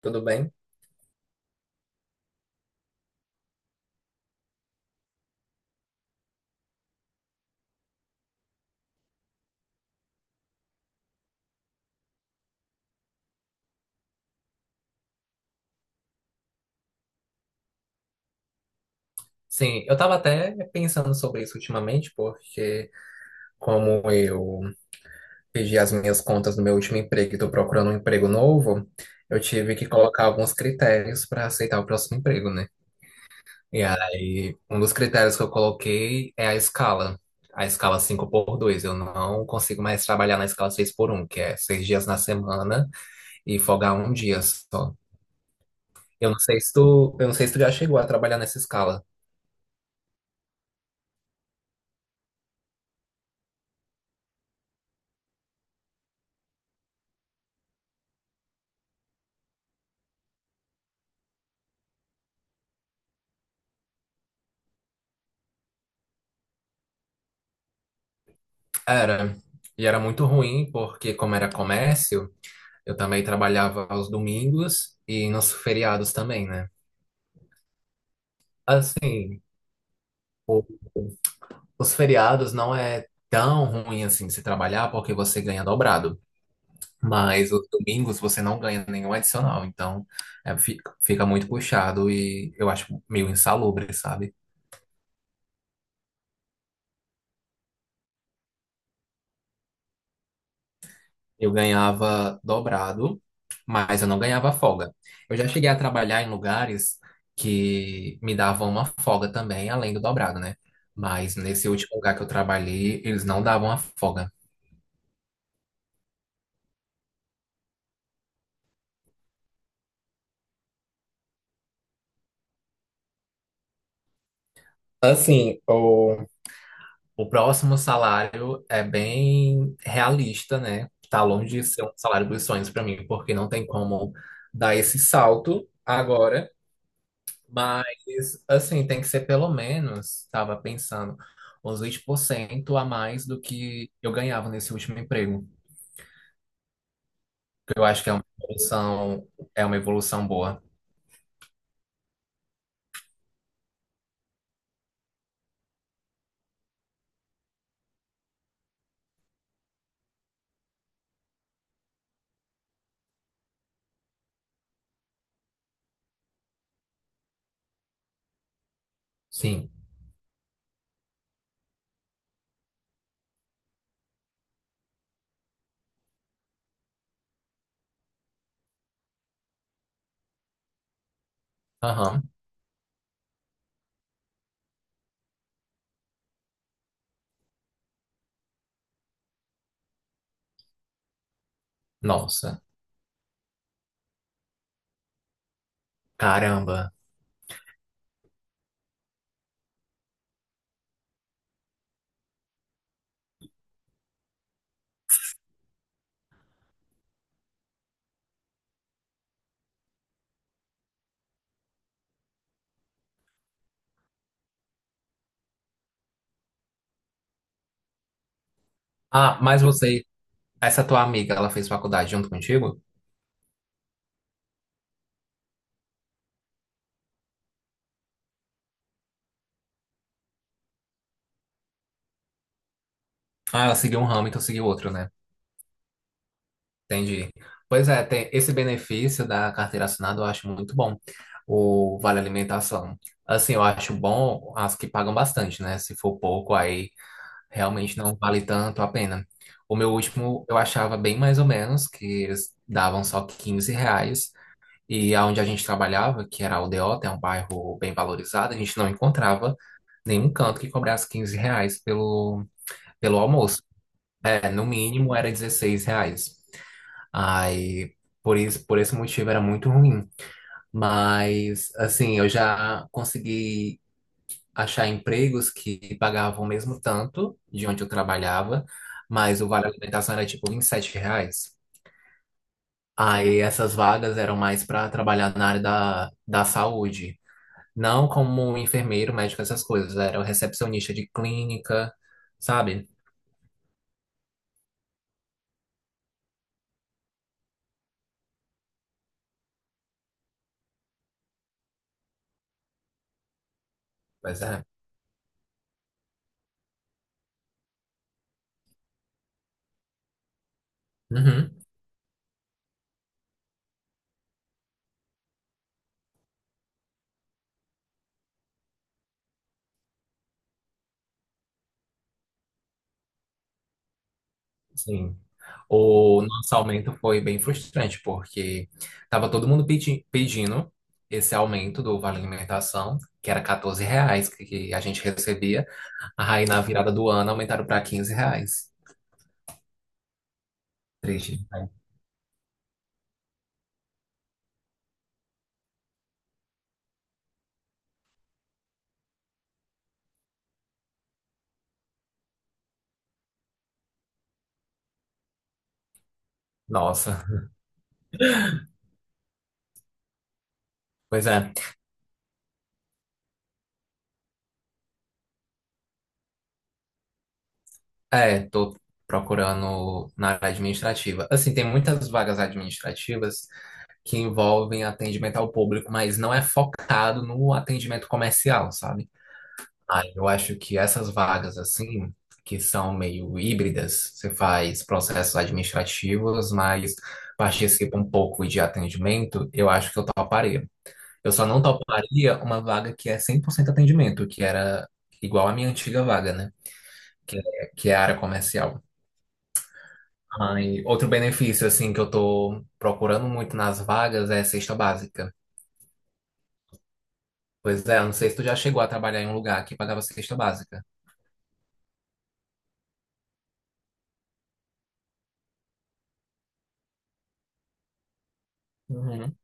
Tudo bem? Sim, eu estava até pensando sobre isso ultimamente, porque como eu pedi as minhas contas do meu último emprego e estou procurando um emprego novo, eu tive que colocar alguns critérios para aceitar o próximo emprego, né? E aí, um dos critérios que eu coloquei é a escala 5 por dois. Eu não consigo mais trabalhar na escala 6 por um, que é 6 dias na semana e folgar um dia só. Eu não sei se tu já chegou a trabalhar nessa escala. Era. E era muito ruim, porque como era comércio, eu também trabalhava aos domingos e nos feriados também, né? Assim, o- os feriados não é tão ruim assim se trabalhar, porque você ganha dobrado. Mas os domingos você não ganha nenhum adicional, então fica muito puxado e eu acho meio insalubre, sabe? Eu ganhava dobrado, mas eu não ganhava folga. Eu já cheguei a trabalhar em lugares que me davam uma folga também, além do dobrado, né? Mas nesse último lugar que eu trabalhei, eles não davam a folga. Assim, o... o próximo salário é bem realista, né? Tá longe de ser um salário dos sonhos para mim, porque não tem como dar esse salto agora. Mas, assim, tem que ser pelo menos, estava pensando, uns 20% a mais do que eu ganhava nesse último emprego. Que Eu acho que é uma evolução boa. Sim. Aham. Nossa. Caramba. Ah, mas essa tua amiga, ela fez faculdade junto contigo? Ah, ela seguiu um ramo, então seguiu outro, né? Entendi. Pois é, tem esse benefício da carteira assinada, eu acho muito bom. O vale alimentação. Assim, eu acho bom as que pagam bastante, né? Se for pouco, aí realmente não vale tanto a pena. O meu último eu achava bem mais ou menos, que eles davam só R$ 15. E aonde a gente trabalhava, que era a Aldeota, é um bairro bem valorizado, a gente não encontrava nenhum canto que cobrasse R$ 15 pelo, pelo almoço. É, no mínimo era R$ 16. Aí, por isso, por esse motivo era muito ruim. Mas, assim, eu já consegui achar empregos que pagavam o mesmo tanto de onde eu trabalhava, mas o vale alimentação era tipo R$ 27. Aí essas vagas eram mais para trabalhar na área da saúde, não como enfermeiro, médico, essas coisas. Era o recepcionista de clínica, sabe? Pois é. Uhum, sim. O nosso aumento foi bem frustrante, porque tava todo mundo pedindo esse aumento do vale alimentação, que era R$ 14 que a gente recebia. Aí na virada do ano aumentaram para R$ 15. Triste, né? Nossa. Pois é. É, tô procurando na área administrativa. Assim, tem muitas vagas administrativas que envolvem atendimento ao público, mas não é focado no atendimento comercial, sabe? Aí eu acho que essas vagas, assim, que são meio híbridas, você faz processos administrativos, mas participa um pouco de atendimento, eu acho que eu toparia. Eu só não toparia uma vaga que é 100% atendimento, que era igual à minha antiga vaga, né? Que é a área comercial. Ah, e outro benefício, assim, que eu tô procurando muito nas vagas é cesta básica. Pois é, eu não sei se tu já chegou a trabalhar em um lugar que pagava cesta básica. Uhum.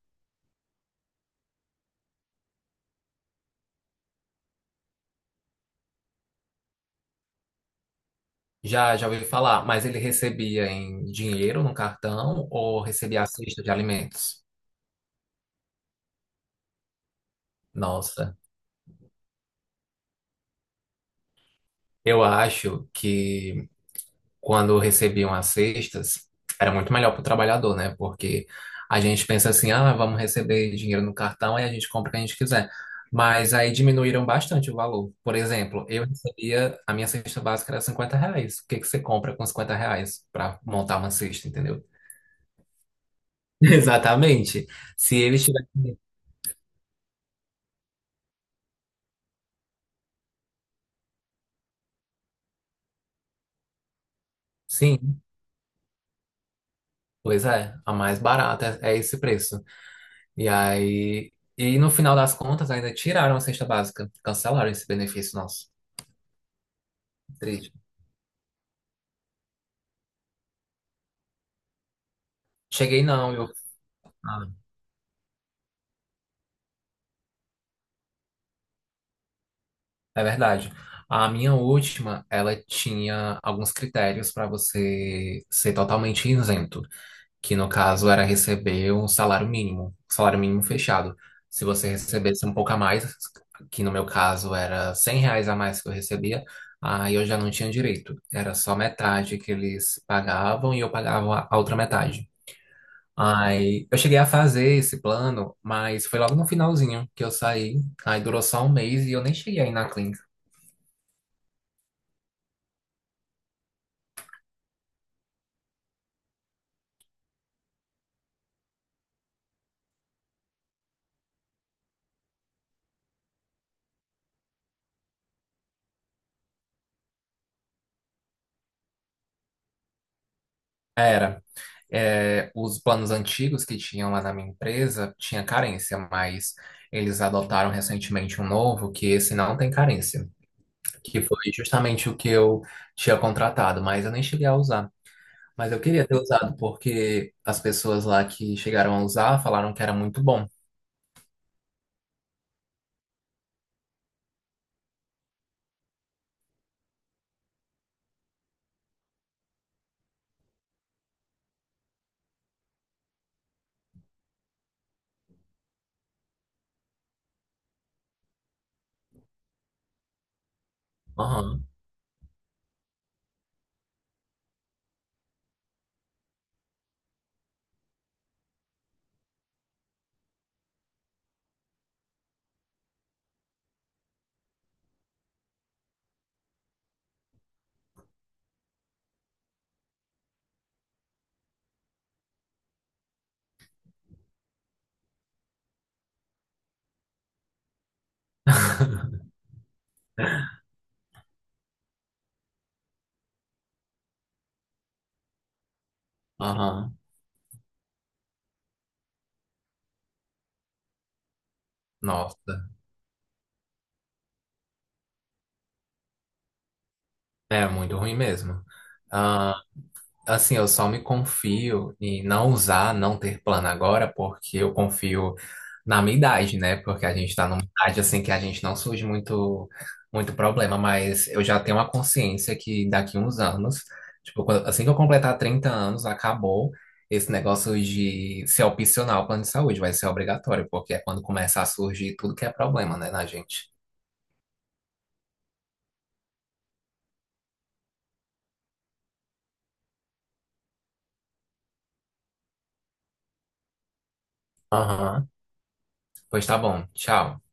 Já, já ouvi falar, mas ele recebia em dinheiro no cartão ou recebia a cesta de alimentos? Nossa, eu acho que quando recebiam as cestas, era muito melhor para o trabalhador, né? Porque a gente pensa assim, ah, vamos receber dinheiro no cartão e a gente compra o que a gente quiser. Mas aí diminuíram bastante o valor. Por exemplo, eu recebia, a minha cesta básica era R$ 50. O que que você compra com R$ 50 para montar uma cesta, entendeu? Exatamente. Se eles tivessem. Sim, pois é, a mais barata é esse preço. E aí. E no final das contas, ainda tiraram a cesta básica, cancelaram esse benefício nosso. Cheguei não, eu... Ah, é verdade. A minha última, ela tinha alguns critérios para você ser totalmente isento, que no caso era receber um salário mínimo fechado. Se você recebesse um pouco a mais, que no meu caso era R$ 100 a mais que eu recebia, aí eu já não tinha direito. Era só metade que eles pagavam e eu pagava a outra metade. Aí eu cheguei a fazer esse plano, mas foi logo no finalzinho que eu saí. Aí durou só um mês e eu nem cheguei aí na clínica. Era. É, os planos antigos que tinham lá na minha empresa tinha carência, mas eles adotaram recentemente um novo que esse não tem carência, que foi justamente o que eu tinha contratado, mas eu nem cheguei a usar. Mas eu queria ter usado porque as pessoas lá que chegaram a usar falaram que era muito bom. Aham. Aham. Nossa. É muito ruim mesmo. Ah, assim, eu só me confio em não usar, não ter plano agora, porque eu confio na minha idade, né? Porque a gente tá numa idade assim que a gente não surge muito, muito problema, mas eu já tenho uma consciência que daqui uns anos, tipo, assim que eu completar 30 anos, acabou esse negócio de ser opcional o plano de saúde, vai ser obrigatório, porque é quando começa a surgir tudo que é problema, né, na gente. Aham. Pois tá bom, tchau.